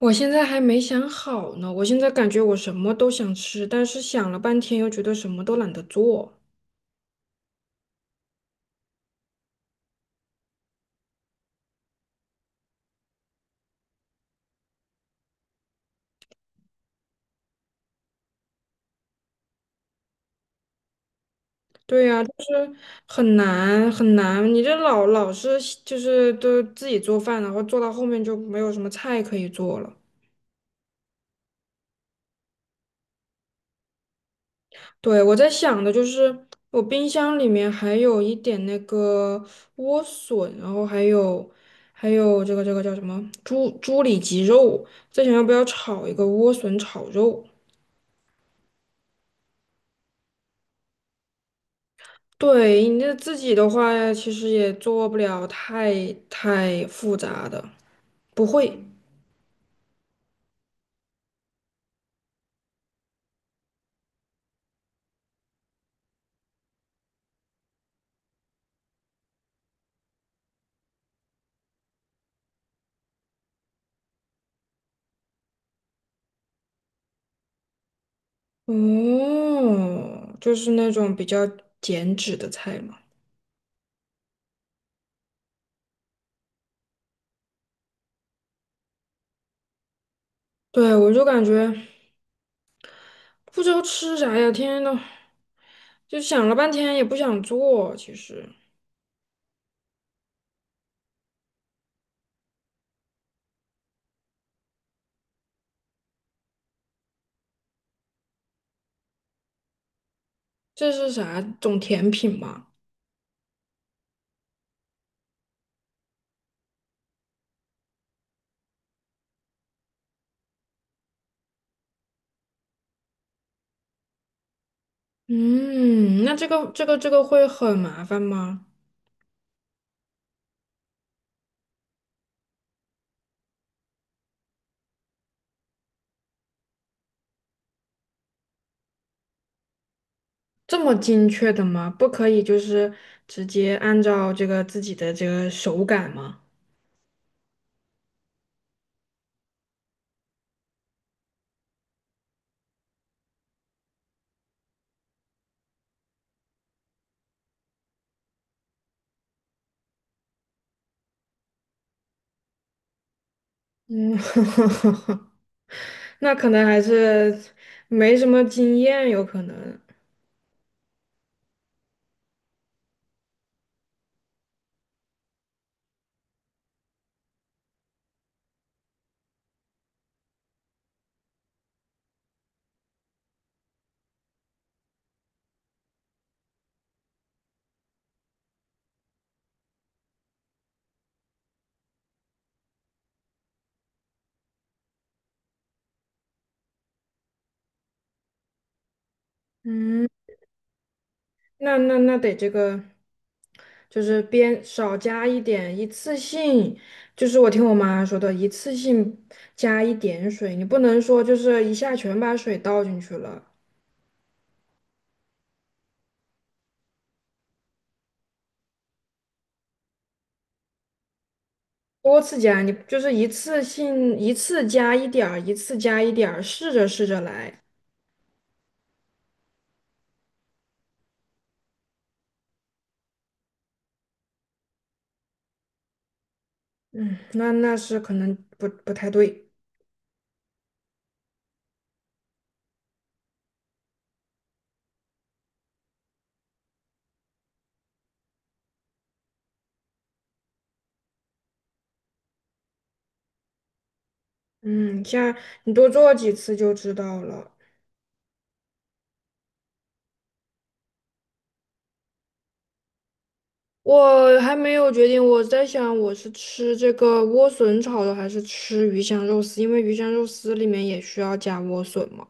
我现在还没想好呢，我现在感觉我什么都想吃，但是想了半天又觉得什么都懒得做。对呀，就是很难很难，你这老老是就是都自己做饭，然后做到后面就没有什么菜可以做了。对，我在想的就是我冰箱里面还有一点那个莴笋，然后还有还有这个叫什么猪猪里脊肉，在想要不要炒一个莴笋炒肉。对，你这自己的话，其实也做不了太太复杂的，不会。哦，就是那种比较减脂的菜嘛。对，我就感觉不知道吃啥呀，天天都就想了半天也不想做。其实这是啥种甜品吗？嗯，那这个会很麻烦吗？这么精确的吗？不可以就是直接按照这个自己的这个手感吗？嗯，那可能还是没什么经验，有可能。嗯，那那那得这个，就是边少加一点，一次性，就是我听我妈说的，一次性加一点水，你不能说就是一下全把水倒进去了，多次加，你就是一次性一次加一点儿，一次加一点儿，试着试着来。嗯，那那是可能不太对。嗯，下你多做几次就知道了。我还没有决定，我在想我是吃这个莴笋炒的，还是吃鱼香肉丝，因为鱼香肉丝里面也需要加莴笋嘛。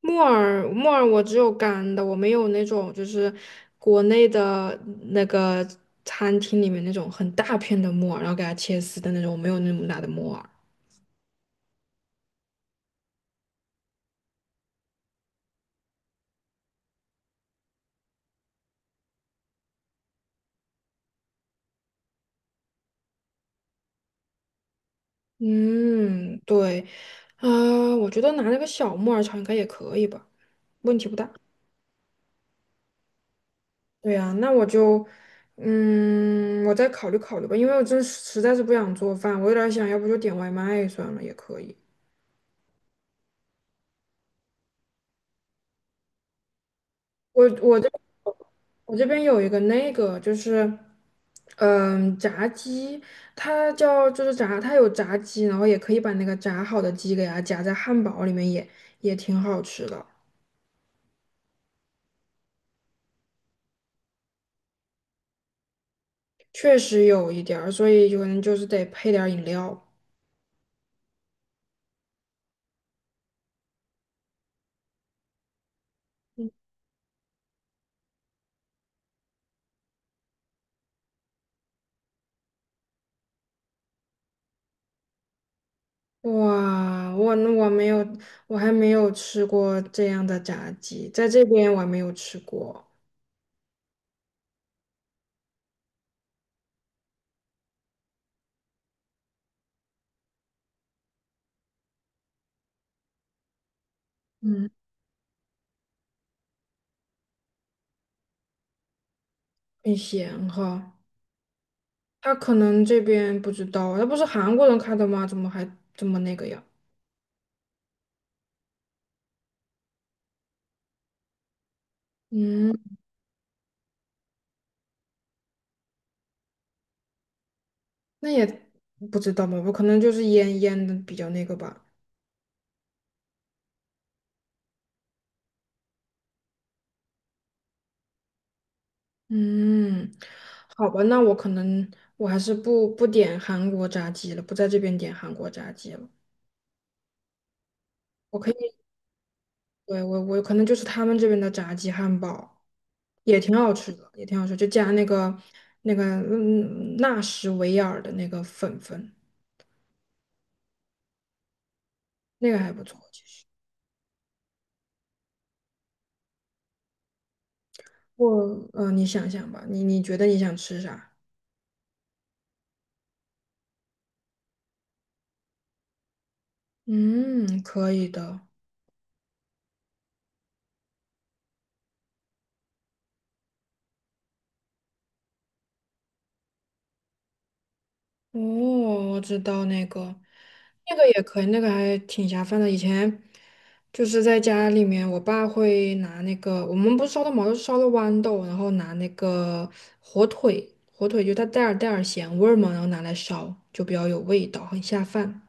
木耳，木耳我只有干的，我没有那种就是国内的那个餐厅里面那种很大片的木耳，然后给它切丝的那种，我没有那么大的木耳。嗯，对，啊、我觉得拿那个小木耳炒应该也可以吧，问题不大。对呀，那我就，嗯，我再考虑考虑吧，因为我真是实在是不想做饭，我有点儿想要不就点外卖算了，也可以。我这我这边有一个那个就是，嗯，炸鸡，它叫就是炸，它有炸鸡，然后也可以把那个炸好的鸡给它夹在汉堡里面也，也挺好吃的，确实有一点儿，所以可能就是得配点儿饮料。哇，我那我没有，我还没有吃过这样的炸鸡，在这边我还没有吃过，嗯，很咸哈。他可能这边不知道，那不是韩国人开的吗？怎么还这么那个呀？嗯，那也不知道吧，我可能就是腌腌的比较那个吧。嗯，好吧，那我可能我还是不点韩国炸鸡了，不在这边点韩国炸鸡了。我可以。对，我我可能就是他们这边的炸鸡汉堡，也挺好吃的，也挺好吃，就加那个那个纳什维尔的那个粉粉，那个还不错。其实我你想想吧，你你觉得你想吃啥？嗯，可以的。哦，我知道那个，那个也可以，那个还挺下饭的。以前就是在家里面，我爸会拿那个，我们不是烧的毛，就是烧的豌豆，然后拿那个火腿，火腿就它带点儿带点儿咸味儿嘛，然后拿来烧，就比较有味道，很下饭。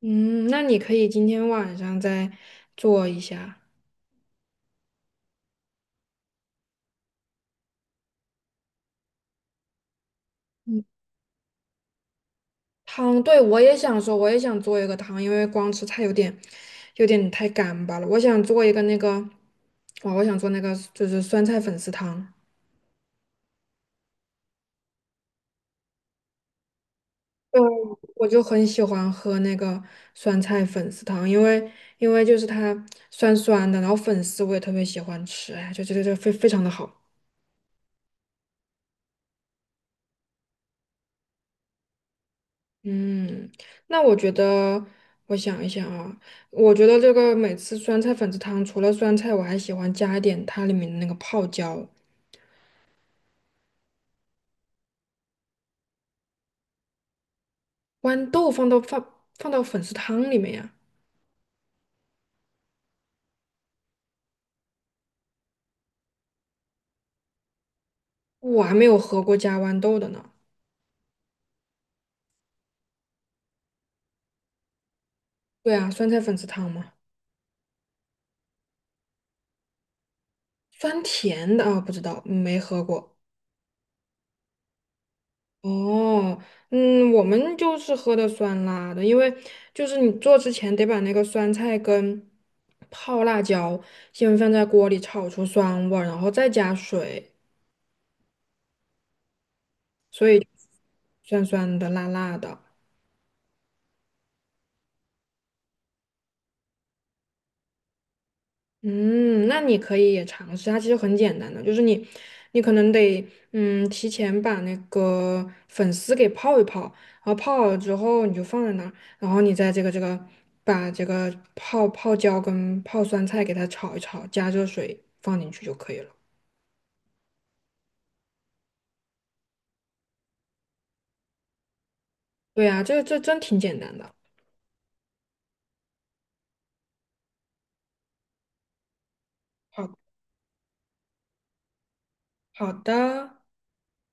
嗯，那你可以今天晚上再做一下。嗯。汤，对，我也想说，我也想做一个汤，因为光吃菜有点有点太干巴了。我想做一个那个，哇，我想做那个就是酸菜粉丝汤。对，我就很喜欢喝那个酸菜粉丝汤，因为因为就是它酸酸的，然后粉丝我也特别喜欢吃，哎，就觉得这非非常的好。嗯，那我觉得，我想一想啊，我觉得这个每次酸菜粉丝汤除了酸菜，我还喜欢加一点它里面的那个泡椒。豌豆放到放放到粉丝汤里面呀？我还没有喝过加豌豆的呢。对啊，酸菜粉丝汤吗？酸甜的啊，不知道，没喝过。哦，嗯，我们就是喝的酸辣的，因为就是你做之前得把那个酸菜跟泡辣椒先放在锅里炒出酸味儿，然后再加水，酸酸的、辣辣的。嗯，那你可以也尝试，它其实很简单的，就是你，你可能得，嗯，提前把那个粉丝给泡一泡，然后泡好了之后你就放在那儿，然后你再这个把这个泡泡椒跟泡酸菜给它炒一炒，加热水放进去就可以了。对呀，这这真挺简单的。好，好的。